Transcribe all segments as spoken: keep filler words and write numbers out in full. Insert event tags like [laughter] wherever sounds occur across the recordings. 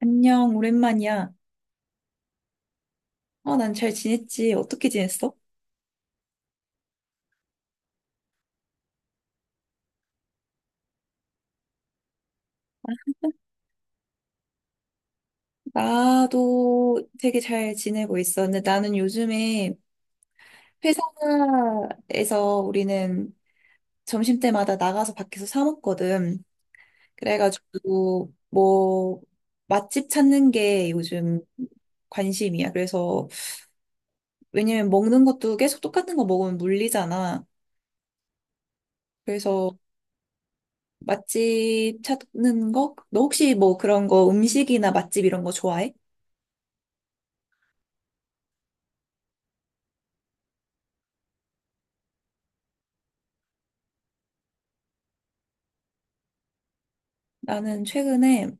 안녕, 오랜만이야. 어, 난 잘 지냈지. 어떻게 지냈어? 나도 되게 잘 지내고 있어. 근데 나는 요즘에 회사에서 우리는 점심때마다 나가서 밖에서 사 먹거든. 그래가지고 뭐 맛집 찾는 게 요즘 관심이야. 그래서 왜냐면 먹는 것도 계속 똑같은 거 먹으면 물리잖아. 그래서 맛집 찾는 거? 너 혹시 뭐 그런 거 음식이나 맛집 이런 거 좋아해? 나는 최근에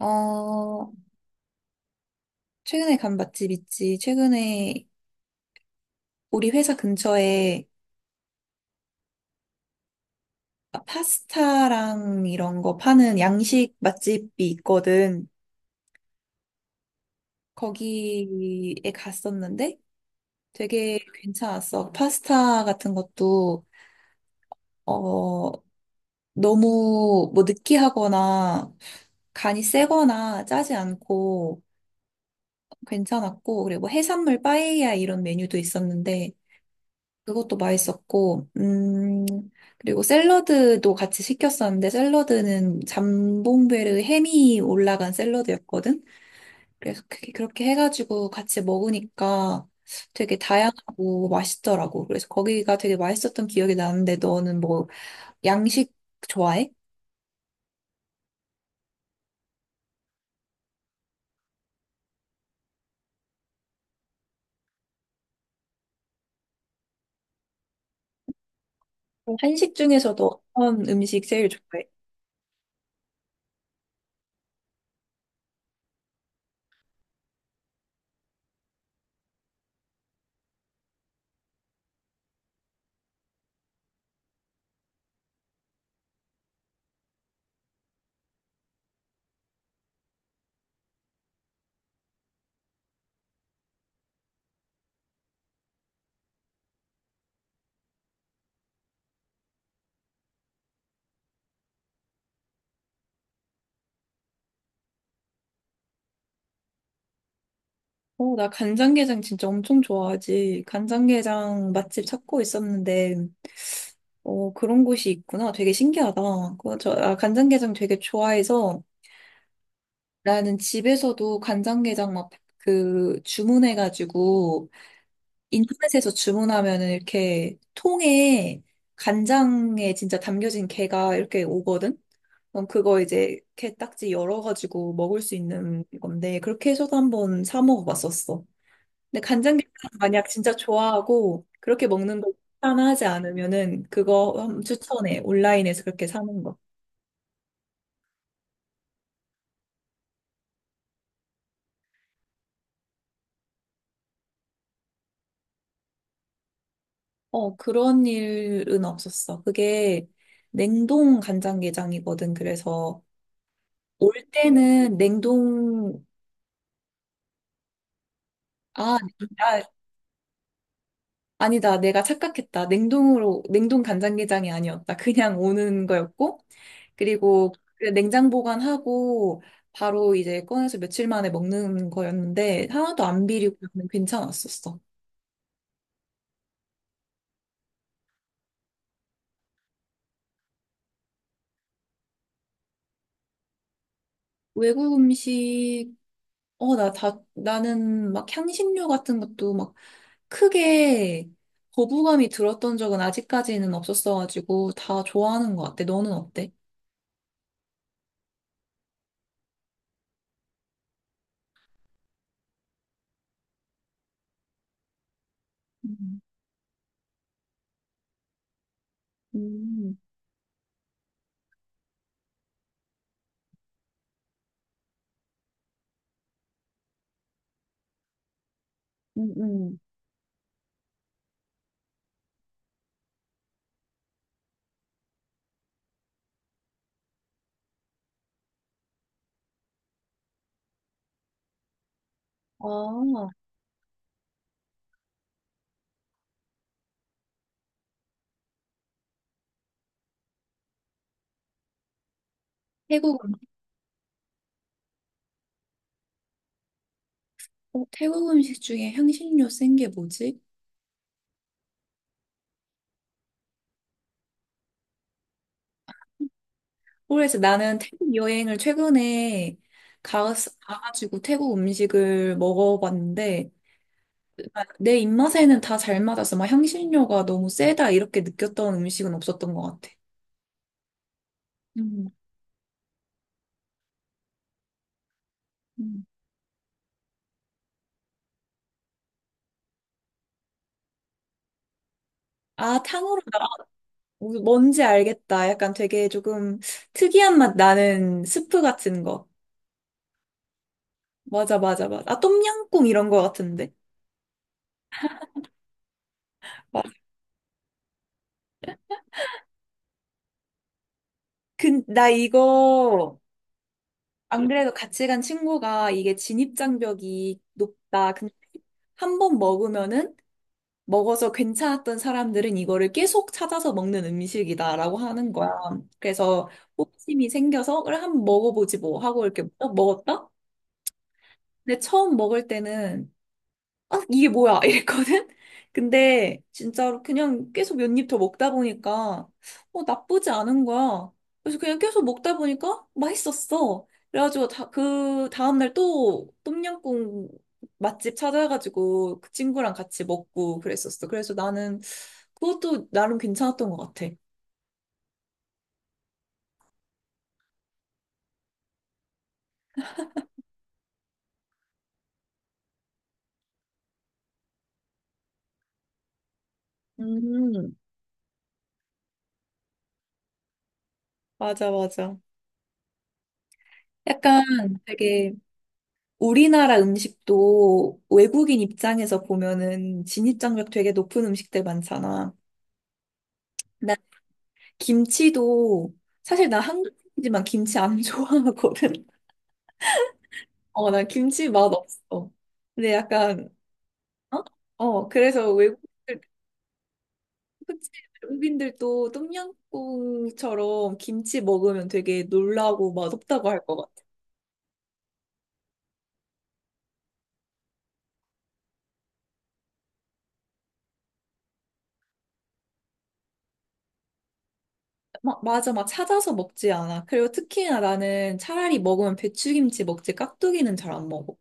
어, 최근에 간 맛집 있지. 최근에 우리 회사 근처에 파스타랑 이런 거 파는 양식 맛집이 있거든. 거기에 갔었는데 되게 괜찮았어. 파스타 같은 것도, 어, 너무 뭐 느끼하거나 간이 세거나 짜지 않고 괜찮았고, 그리고 뭐 해산물 빠에야 이런 메뉴도 있었는데 그것도 맛있었고, 음, 그리고 샐러드도 같이 시켰었는데, 샐러드는 잠봉베르 햄이 올라간 샐러드였거든? 그래서 그게 그렇게 해가지고 같이 먹으니까 되게 다양하고 맛있더라고. 그래서 거기가 되게 맛있었던 기억이 나는데, 너는 뭐, 양식 좋아해? 한식 중에서도 어떤 음식 제일 좋아해? 어, 나 간장게장 진짜 엄청 좋아하지. 간장게장 맛집 찾고 있었는데, 어, 그런 곳이 있구나. 되게 신기하다. 그거 저, 아, 간장게장 되게 좋아해서 나는 집에서도 간장게장 막 그 주문해가지고 인터넷에서 주문하면은 이렇게 통에 간장에 진짜 담겨진 게가 이렇게 오거든? 그럼 그거 이제 게딱지 열어가지고 먹을 수 있는 건데 그렇게 해서도 한번 사 먹어봤었어. 근데 간장게장 만약 진짜 좋아하고 그렇게 먹는 걸 추천하지 않으면은 그거 한번 추천해. 온라인에서 그렇게 사는 거. 어, 그런 일은 없었어. 그게 냉동 간장게장이거든. 그래서 올 때는 냉동, 아, 아, 아니다. 내가 착각했다. 냉동으로, 냉동 간장게장이 아니었다. 그냥 오는 거였고. 그리고 그 냉장 보관하고 바로 이제 꺼내서 며칠 만에 먹는 거였는데 하나도 안 비리고 그냥 괜찮았었어. 외국 음식 어, 나 다, 나는 막 향신료 같은 것도 막 크게 거부감이 들었던 적은 아직까지는 없었어가지고 다 좋아하는 것 같아. 너는 어때? 음, 음, 음. 음. 아, 태국, 음- 어, 태국 음식 중에 향신료 센 게 뭐지? 그래서 나는 태국 여행을 최근에 가, 가가지고 태국 음식을 먹어봤는데, 아, 내 입맛에는 다 잘 맞았어. 막 향신료가 너무 세다 이렇게 느꼈던 음식은 없었던 것 같아. 음, 음. 아, 탕후루 뭔지 알겠다. 약간 되게 조금 특이한 맛 나는 스프 같은 거. 맞아, 맞아, 맞아. 아, 똠양꿍 이런 거 같은데. 맞아. 근, 나 이거, 안 그래도 같이 간 친구가 이게 진입장벽이 높다. 근데 한 번 먹으면은, 먹어서 괜찮았던 사람들은 이거를 계속 찾아서 먹는 음식이다라고 하는 거야. 그래서 호기심이 생겨서, 그래, 한번 먹어보지 뭐 하고 이렇게 딱 먹었다? 근데 처음 먹을 때는 아, 이게 뭐야? [laughs] 이랬거든? 근데 진짜로 그냥 계속 몇 입 더 먹다 보니까 어, 나쁘지 않은 거야. 그래서 그냥 계속 먹다 보니까 맛있었어. 그래가지고 다, 그 다음날 또 똠양꿍 맛집 찾아가지고 그 친구랑 같이 먹고 그랬었어. 그래서 나는 그것도 나름 괜찮았던 것 같아. 음, 맞아, 맞아. 약간 되게 우리나라 음식도 외국인 입장에서 보면은 진입장벽 되게 높은 음식들 많잖아. 나 김치도 사실 나 한국이지만 인 김치 안 [laughs] 좋아하거든. 어, 나 김치 맛 없어. 근데 약간 어? 어, 그래서 외국인들 그치? 외국인들도 똠양꿍처럼 김치 먹으면 되게 놀라고 맛없다고 할 것 같아. 막 맞아, 막 찾아서 먹지 않아. 그리고 특히나 나는 차라리 먹으면 배추김치 먹지 깍두기는 잘 안 먹어.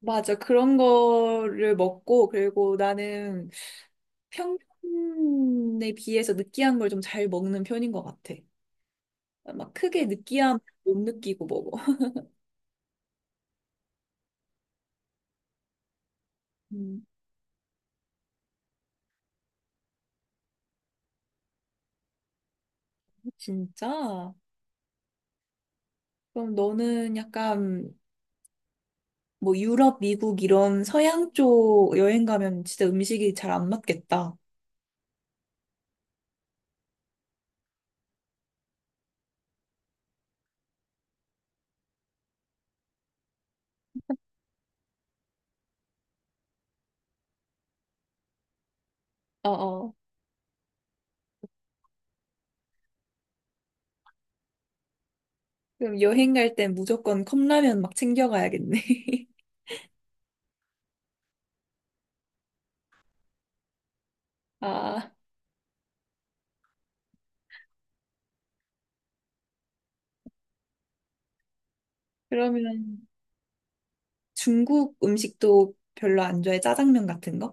맞아. 그런 거를 먹고, 그리고 나는 평균에 비해서 느끼한 걸 좀 잘 먹는 편인 것 같아. 막 크게 느끼함 못 느끼고 먹어. [laughs] 음, 진짜? 그럼 너는 약간 뭐 유럽, 미국 이런 서양 쪽 여행 가면 진짜 음식이 잘 안 맞겠다. 어어. 그럼 여행 갈 땐 무조건 컵라면 막 챙겨가야겠네. [laughs] 아, 그러면 중국 음식도 별로 안 좋아해? 짜장면 같은 거?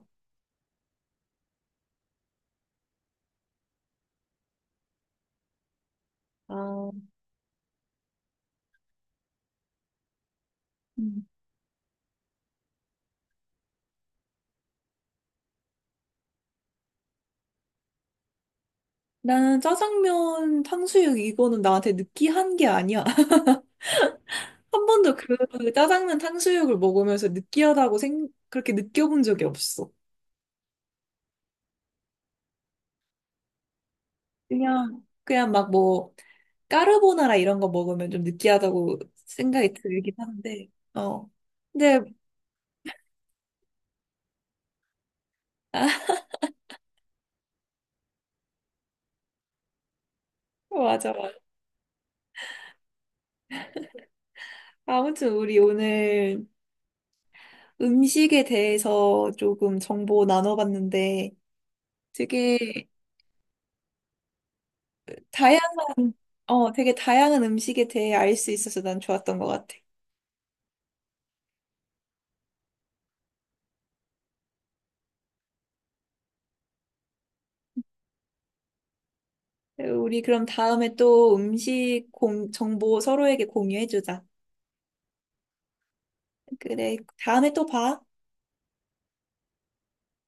아, 음. 나는 짜장면, 탕수육 이거는 나한테 느끼한 게 아니야. [laughs] 한 번도 그 짜장면, 탕수육을 먹으면서 느끼하다고 생, 그렇게 느껴본 적이 없어. 그냥, 그냥 막 뭐, 까르보나라 이런 거 먹으면 좀 느끼하다고 생각이 들긴 하는데, 어. 근데, 어, 맞아. 맞아. 아무튼 우리 오늘 음식에 대해서 조금 정보 나눠봤는데, 되게 다양한, 어, 되게 다양한 음식에 대해 알 수 있어서 난 좋았던 것 같아. 우리 그럼 다음에 또 음식 공, 정보 서로에게 공유해주자. 그래, 다음에 또 봐.